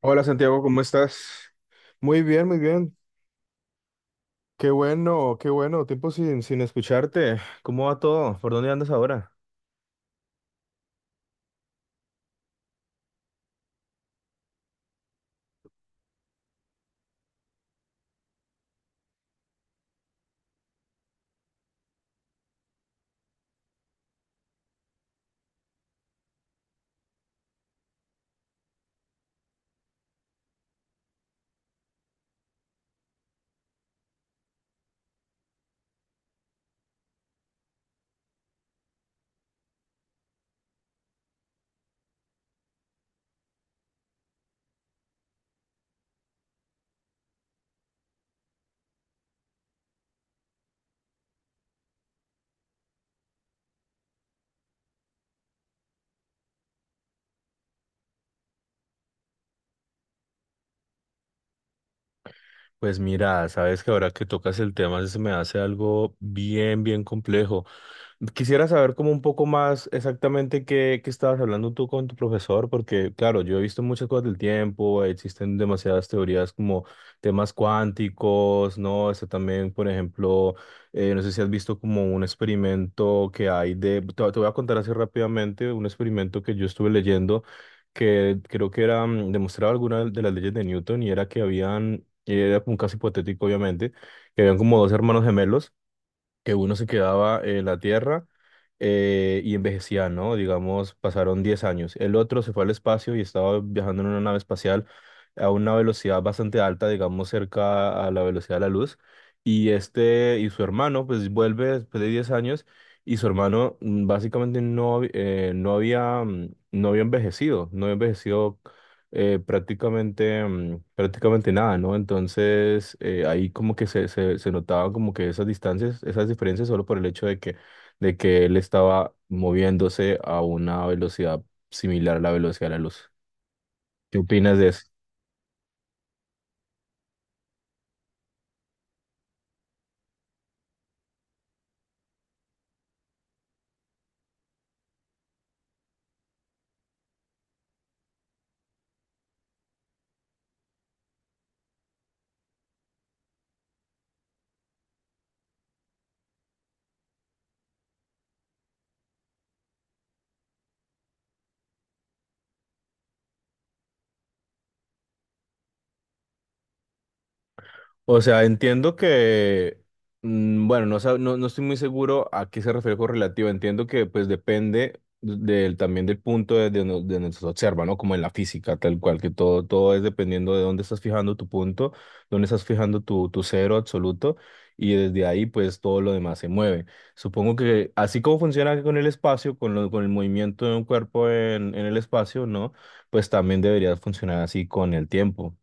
Hola Santiago, ¿cómo estás? Muy bien, muy bien. Qué bueno, qué bueno. Tiempo sin escucharte. ¿Cómo va todo? ¿Por dónde andas ahora? Pues mira, sabes que ahora que tocas el tema se me hace algo bien, bien complejo. Quisiera saber como un poco más exactamente qué estabas hablando tú con tu profesor, porque claro, yo he visto muchas cosas del tiempo, existen demasiadas teorías como temas cuánticos, ¿no? Está también, por ejemplo, no sé si has visto como un experimento que hay te voy a contar así rápidamente, un experimento que yo estuve leyendo que creo que era, demostraba alguna de las leyes de Newton y era que habían, y era como un caso hipotético obviamente, que habían como dos hermanos gemelos que uno se quedaba en la Tierra y envejecía, ¿no? Digamos, pasaron 10 años. El otro se fue al espacio y estaba viajando en una nave espacial a una velocidad bastante alta, digamos, cerca a la velocidad de la luz. Y este y su hermano, pues vuelve después de 10 años y su hermano básicamente no, no había, no había envejecido, prácticamente, prácticamente nada, ¿no? Entonces, ahí como que se notaban como que esas distancias, esas diferencias solo por el hecho de que él estaba moviéndose a una velocidad similar a la velocidad de la luz. ¿Qué opinas de eso? O sea, entiendo que, bueno, no, no, no estoy muy seguro a qué se refiere con relativo. Entiendo que pues depende del, también del punto de donde se observa, ¿no? Como en la física, tal cual, que todo, todo es dependiendo de dónde estás fijando tu punto, dónde estás fijando tu cero absoluto, y desde ahí pues todo lo demás se mueve. Supongo que así como funciona con el espacio, con, con el movimiento de un cuerpo en el espacio, ¿no? Pues también debería funcionar así con el tiempo.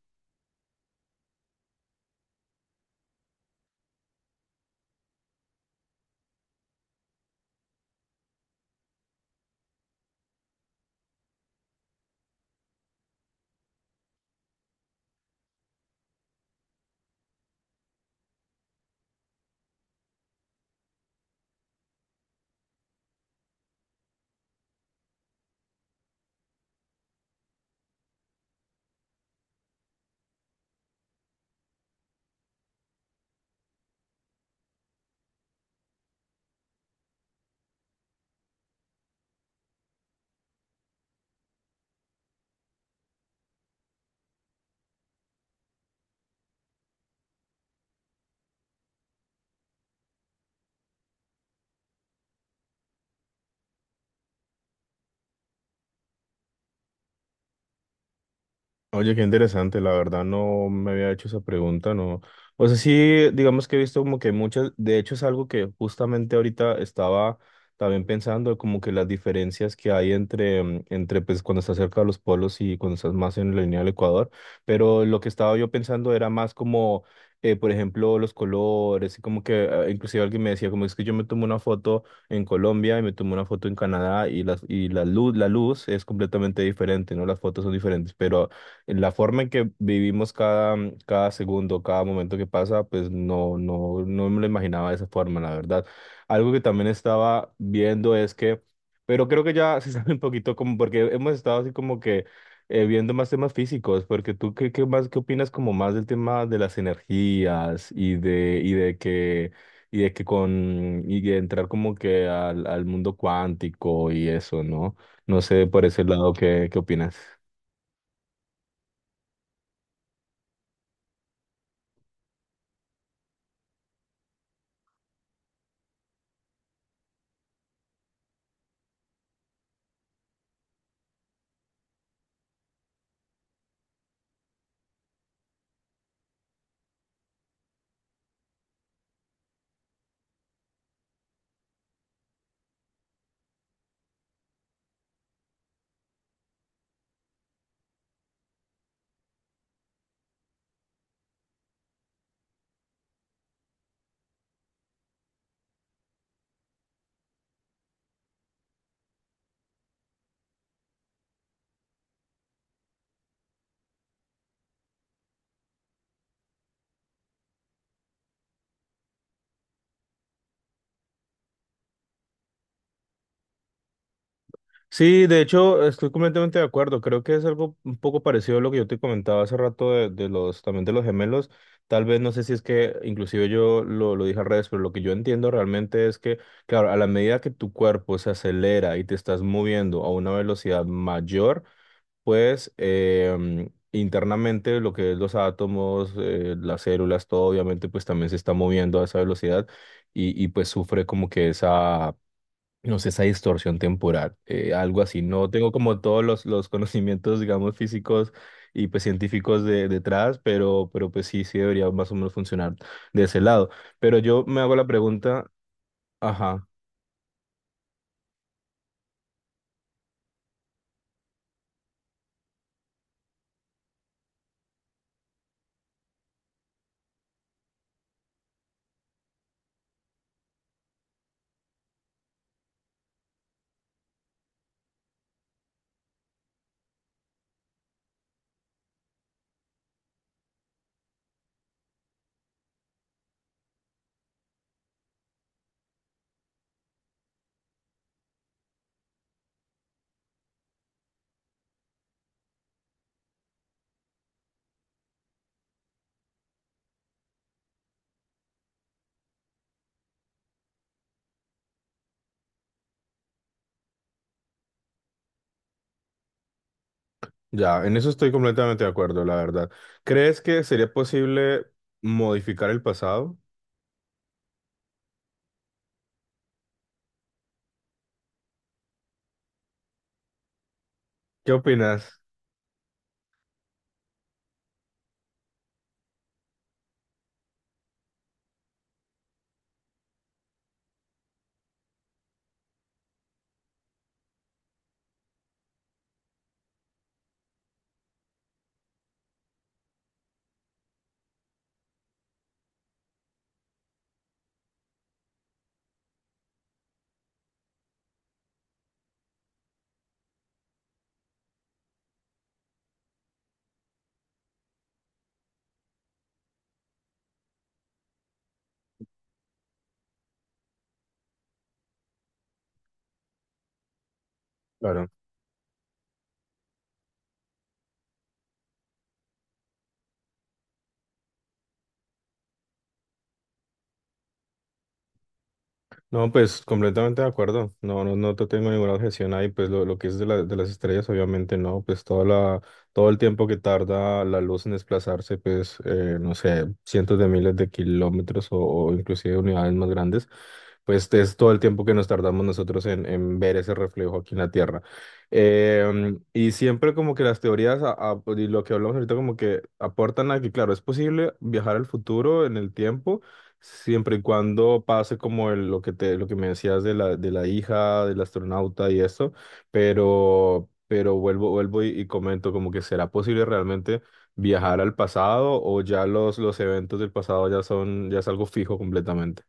Oye, qué interesante, la verdad no me había hecho esa pregunta, no. O sea, sí, digamos que he visto como que muchas, de hecho es algo que justamente ahorita estaba también pensando, como que las diferencias que hay entre, entre pues cuando estás cerca de los polos y cuando estás más en la línea del Ecuador, pero lo que estaba yo pensando era más como, por ejemplo, los colores, y como que inclusive alguien me decía, como es que yo me tomo una foto en Colombia y me tomo una foto en Canadá y la luz es completamente diferente, ¿no? Las fotos son diferentes, pero la forma en que vivimos cada segundo, cada momento que pasa, pues no, no, no me lo imaginaba de esa forma, la verdad. Algo que también estaba viendo es que, pero creo que ya se sabe un poquito como, porque hemos estado así como que viendo más temas físicos, porque tú, ¿qué opinas como más del tema de las energías y de que... Y de que con, y de entrar como que al mundo cuántico y eso, ¿no? No sé por ese lado, ¿qué opinas? Sí, de hecho, estoy completamente de acuerdo. Creo que es algo un poco parecido a lo que yo te comentaba hace rato de los, también de los gemelos. Tal vez, no sé si es que inclusive yo lo dije al revés, pero lo que yo entiendo realmente es que, claro, a la medida que tu cuerpo se acelera y te estás moviendo a una velocidad mayor, pues internamente lo que es los átomos, las células, todo obviamente pues también se está moviendo a esa velocidad y pues sufre como que esa no sé, esa distorsión temporal, algo así. No tengo como todos los conocimientos, digamos, físicos y pues científicos detrás, pero pues sí, sí debería más o menos funcionar de ese lado. Pero yo me hago la pregunta, ajá, ya, en eso estoy completamente de acuerdo, la verdad. ¿Crees que sería posible modificar el pasado? ¿Qué opinas? Claro. No, pues completamente de acuerdo. No, no, no te tengo ninguna objeción ahí. Pues lo que es de las estrellas, obviamente no. Pues toda la, todo el tiempo que tarda la luz en desplazarse, pues no sé, cientos de miles de kilómetros o inclusive unidades más grandes, pues es todo el tiempo que nos tardamos nosotros en ver ese reflejo aquí en la Tierra. Y siempre como que las teorías pues, y lo que hablamos ahorita como que aportan a que, claro, es posible viajar al futuro en el tiempo. Siempre y cuando pase como lo que te, lo que me decías de la hija, del astronauta y eso, pero, pero vuelvo y comento como que será posible realmente viajar al pasado o ya los eventos del pasado ya son, ya es algo fijo completamente.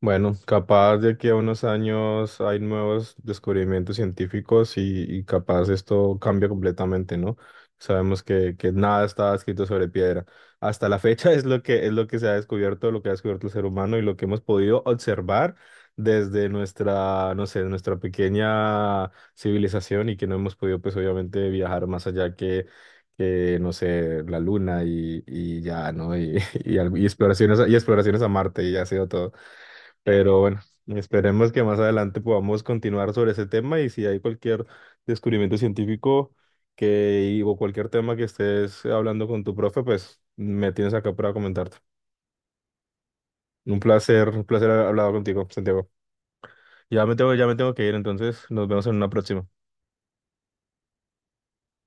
Bueno, capaz de aquí a unos años hay nuevos descubrimientos científicos y capaz esto cambia completamente, ¿no? Sabemos que nada está escrito sobre piedra. Hasta la fecha es lo que se ha descubierto, lo que ha descubierto el ser humano y lo que hemos podido observar desde nuestra, no sé, nuestra pequeña civilización y que no hemos podido, pues obviamente, viajar más allá que no sé, la luna y ya, ¿no? Y, y, y exploraciones, y exploraciones a Marte y ya ha sido todo. Pero bueno, esperemos que más adelante podamos continuar sobre ese tema y si hay cualquier descubrimiento científico que, o cualquier tema que estés hablando con tu profe, pues me tienes acá para comentarte. Un placer haber hablado contigo, Santiago. Ya me tengo que ir, entonces nos vemos en una próxima.